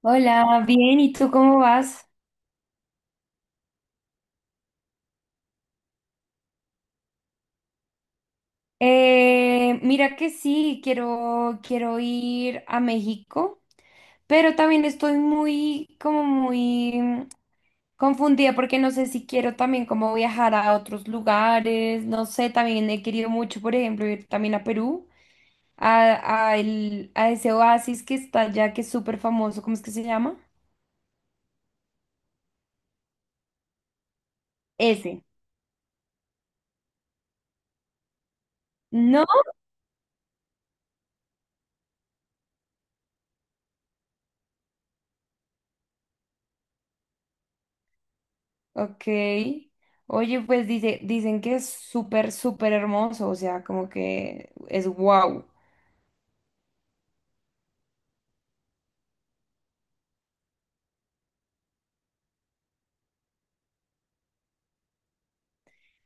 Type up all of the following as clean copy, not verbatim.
Hola, bien, ¿y tú cómo vas? Mira que sí, quiero ir a México, pero también estoy muy, como muy confundida porque no sé si quiero también como viajar a otros lugares, no sé, también he querido mucho, por ejemplo, ir también a Perú, a ese oasis que está allá, que es súper famoso, ¿cómo es que se llama? Ese. No. Ok. Oye, pues dicen que es súper, súper hermoso, o sea, como que es wow.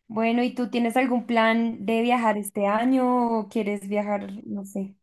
Bueno, ¿y tú tienes algún plan de viajar este año o quieres viajar, no sé?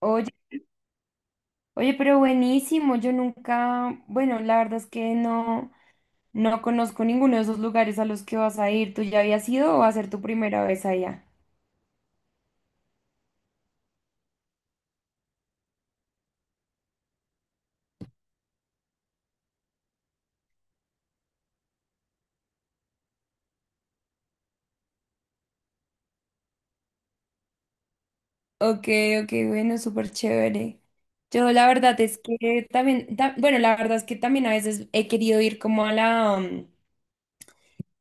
Oye, oye, pero buenísimo, yo nunca, bueno, la verdad es que no conozco ninguno de esos lugares a los que vas a ir. ¿Tú ya habías ido o va a ser tu primera vez allá? Ok, ok, bueno, súper chévere. Yo la verdad es que también, bueno, la verdad es que también a veces he querido ir como a la,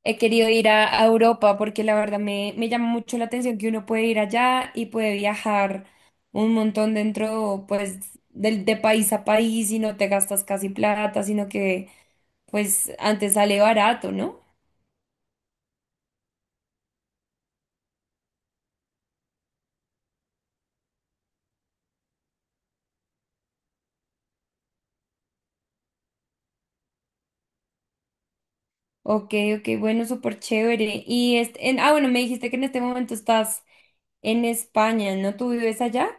he querido ir a Europa porque la verdad me llama mucho la atención que uno puede ir allá y puede viajar un montón dentro, pues, del de país a país y no te gastas casi plata, sino que, pues, antes sale barato, ¿no? Ok, ok, bueno, súper chévere. Y, este, bueno, me dijiste que en este momento estás en España, ¿no? ¿Tú vives allá?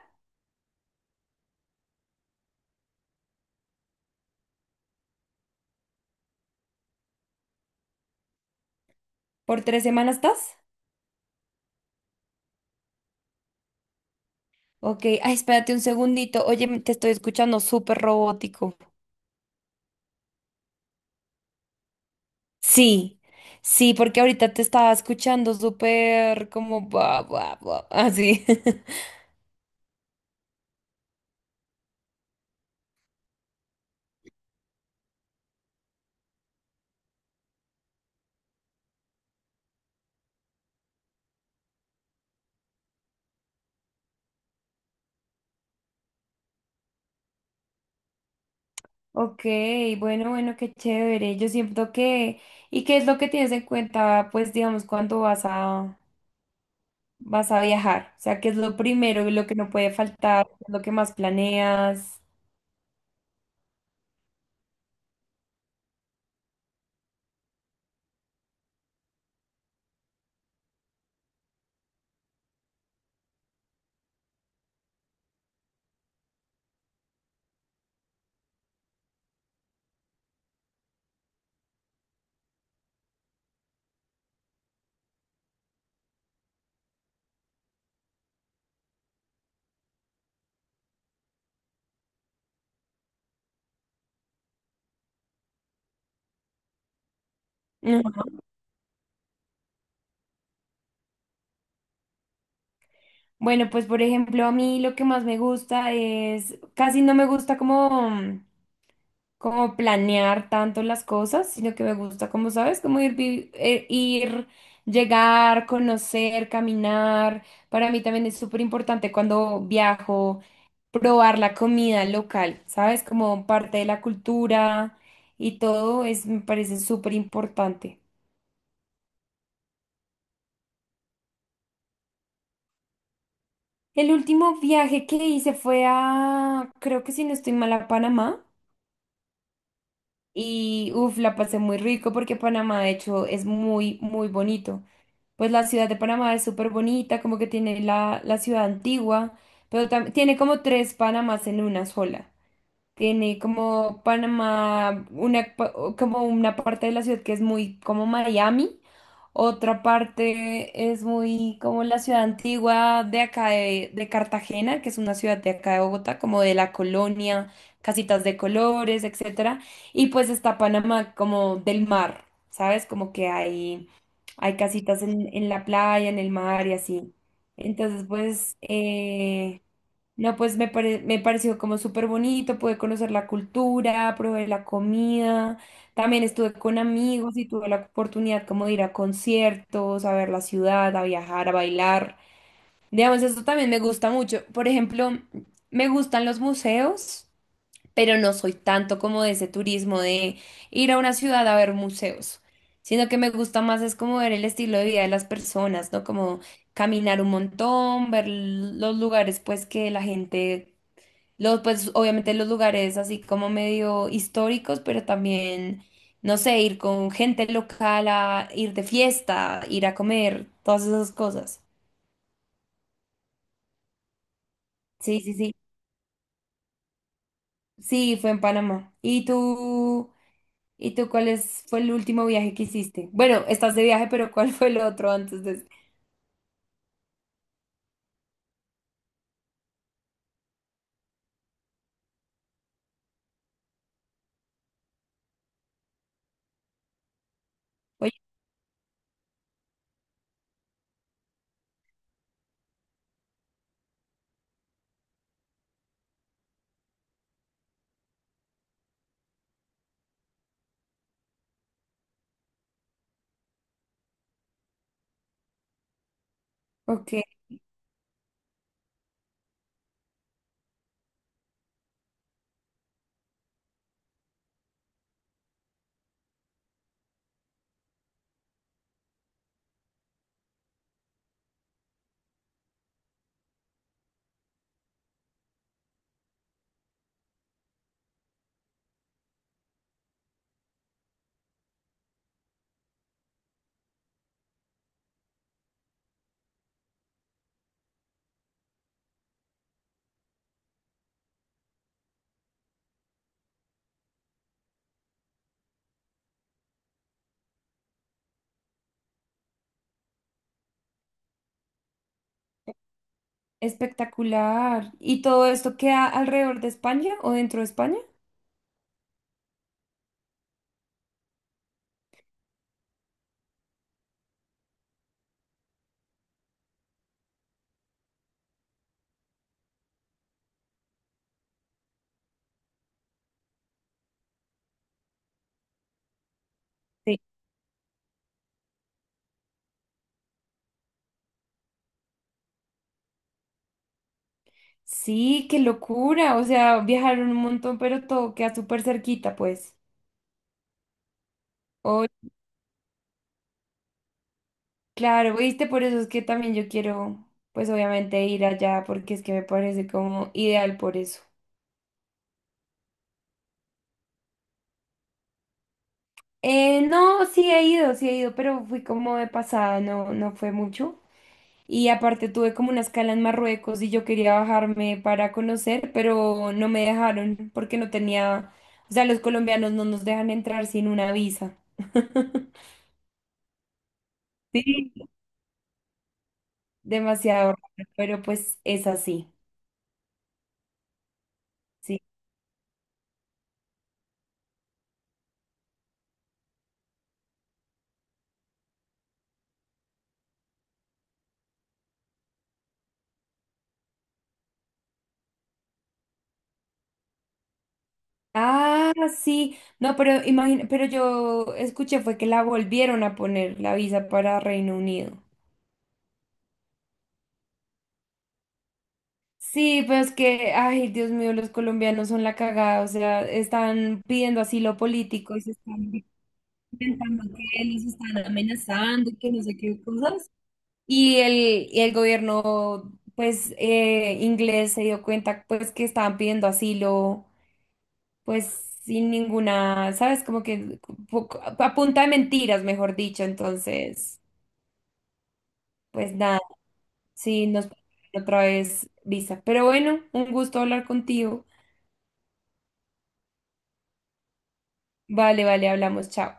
¿Por tres semanas estás? Ok, ay, espérate un segundito. Oye, te estoy escuchando súper robótico. Sí, sí, porque ahorita te estaba escuchando súper como buah, buah, buah, así. Ok, bueno, bueno, qué chévere. Yo siento que, ¿y qué es lo que tienes en cuenta, pues, digamos, cuando vas a viajar? O sea, ¿qué es lo primero y lo que no puede faltar? ¿Qué es lo que más planeas? Bueno, pues por ejemplo, a mí lo que más me gusta es, casi no me gusta como, como planear tanto las cosas, sino que me gusta, como sabes, como ir, llegar, conocer, caminar. Para mí también es súper importante cuando viajo, probar la comida local, ¿sabes? Como parte de la cultura y todo, es, me parece súper importante. El último viaje que hice fue a, creo que si no estoy mal, a Panamá. Y uff, la pasé muy rico porque Panamá, de hecho, es muy, muy bonito. Pues la ciudad de Panamá es súper bonita, como que tiene la ciudad antigua, pero tiene como tres Panamás en una sola. Tiene como Panamá, o como una parte de la ciudad que es muy como Miami, otra parte es muy como la ciudad antigua de acá de Cartagena, que es una ciudad de acá de Bogotá, como de la colonia, casitas de colores, etcétera. Y pues está Panamá como del mar, ¿sabes? Como que hay casitas en la playa, en el mar y así. Entonces, no, pues me pareció como súper bonito, pude conocer la cultura, probé la comida, también estuve con amigos y tuve la oportunidad como de ir a conciertos, a ver la ciudad, a viajar, a bailar. Digamos, eso también me gusta mucho. Por ejemplo, me gustan los museos, pero no soy tanto como de ese turismo de ir a una ciudad a ver museos, sino que me gusta más es como ver el estilo de vida de las personas, ¿no? Como caminar un montón, ver los lugares pues que la gente los, pues obviamente los lugares así como medio históricos, pero también, no sé, ir con gente local a ir de fiesta, ir a comer, todas esas cosas. Sí, sí, sí. Sí, fue en Panamá. ¿Y tú? ¿Y tú fue el último viaje que hiciste? Bueno, estás de viaje, pero ¿cuál fue el otro antes de ese? Oye, ok, espectacular. ¿Y todo esto queda alrededor de España o dentro de España? Sí, qué locura. O sea, viajaron un montón, pero todo queda súper cerquita, pues. Oh, claro, viste, por eso es que también yo quiero, pues obviamente ir allá, porque es que me parece como ideal por eso. No, sí he ido, pero fui como de pasada, no, no fue mucho. Y aparte tuve como una escala en Marruecos y yo quería bajarme para conocer, pero no me dejaron porque no tenía, o sea, los colombianos no nos dejan entrar sin una visa. Sí. Demasiado raro, pero pues es así, sí. Ah, sí, no, pero imagina, pero yo escuché fue que la volvieron a poner la visa para Reino Unido. Sí, pero es que, ay, Dios mío, los colombianos son la cagada, o sea, están pidiendo asilo político y se están inventando que los están amenazando, que no sé qué cosas. Y el, y el gobierno, pues, inglés se dio cuenta, pues, que estaban pidiendo asilo pues sin ninguna, ¿sabes? Como que a punta de mentiras, mejor dicho. Entonces, pues nada, sí, nos otra vez visa. Pero bueno, un gusto hablar contigo. Vale, vale, hablamos, chao.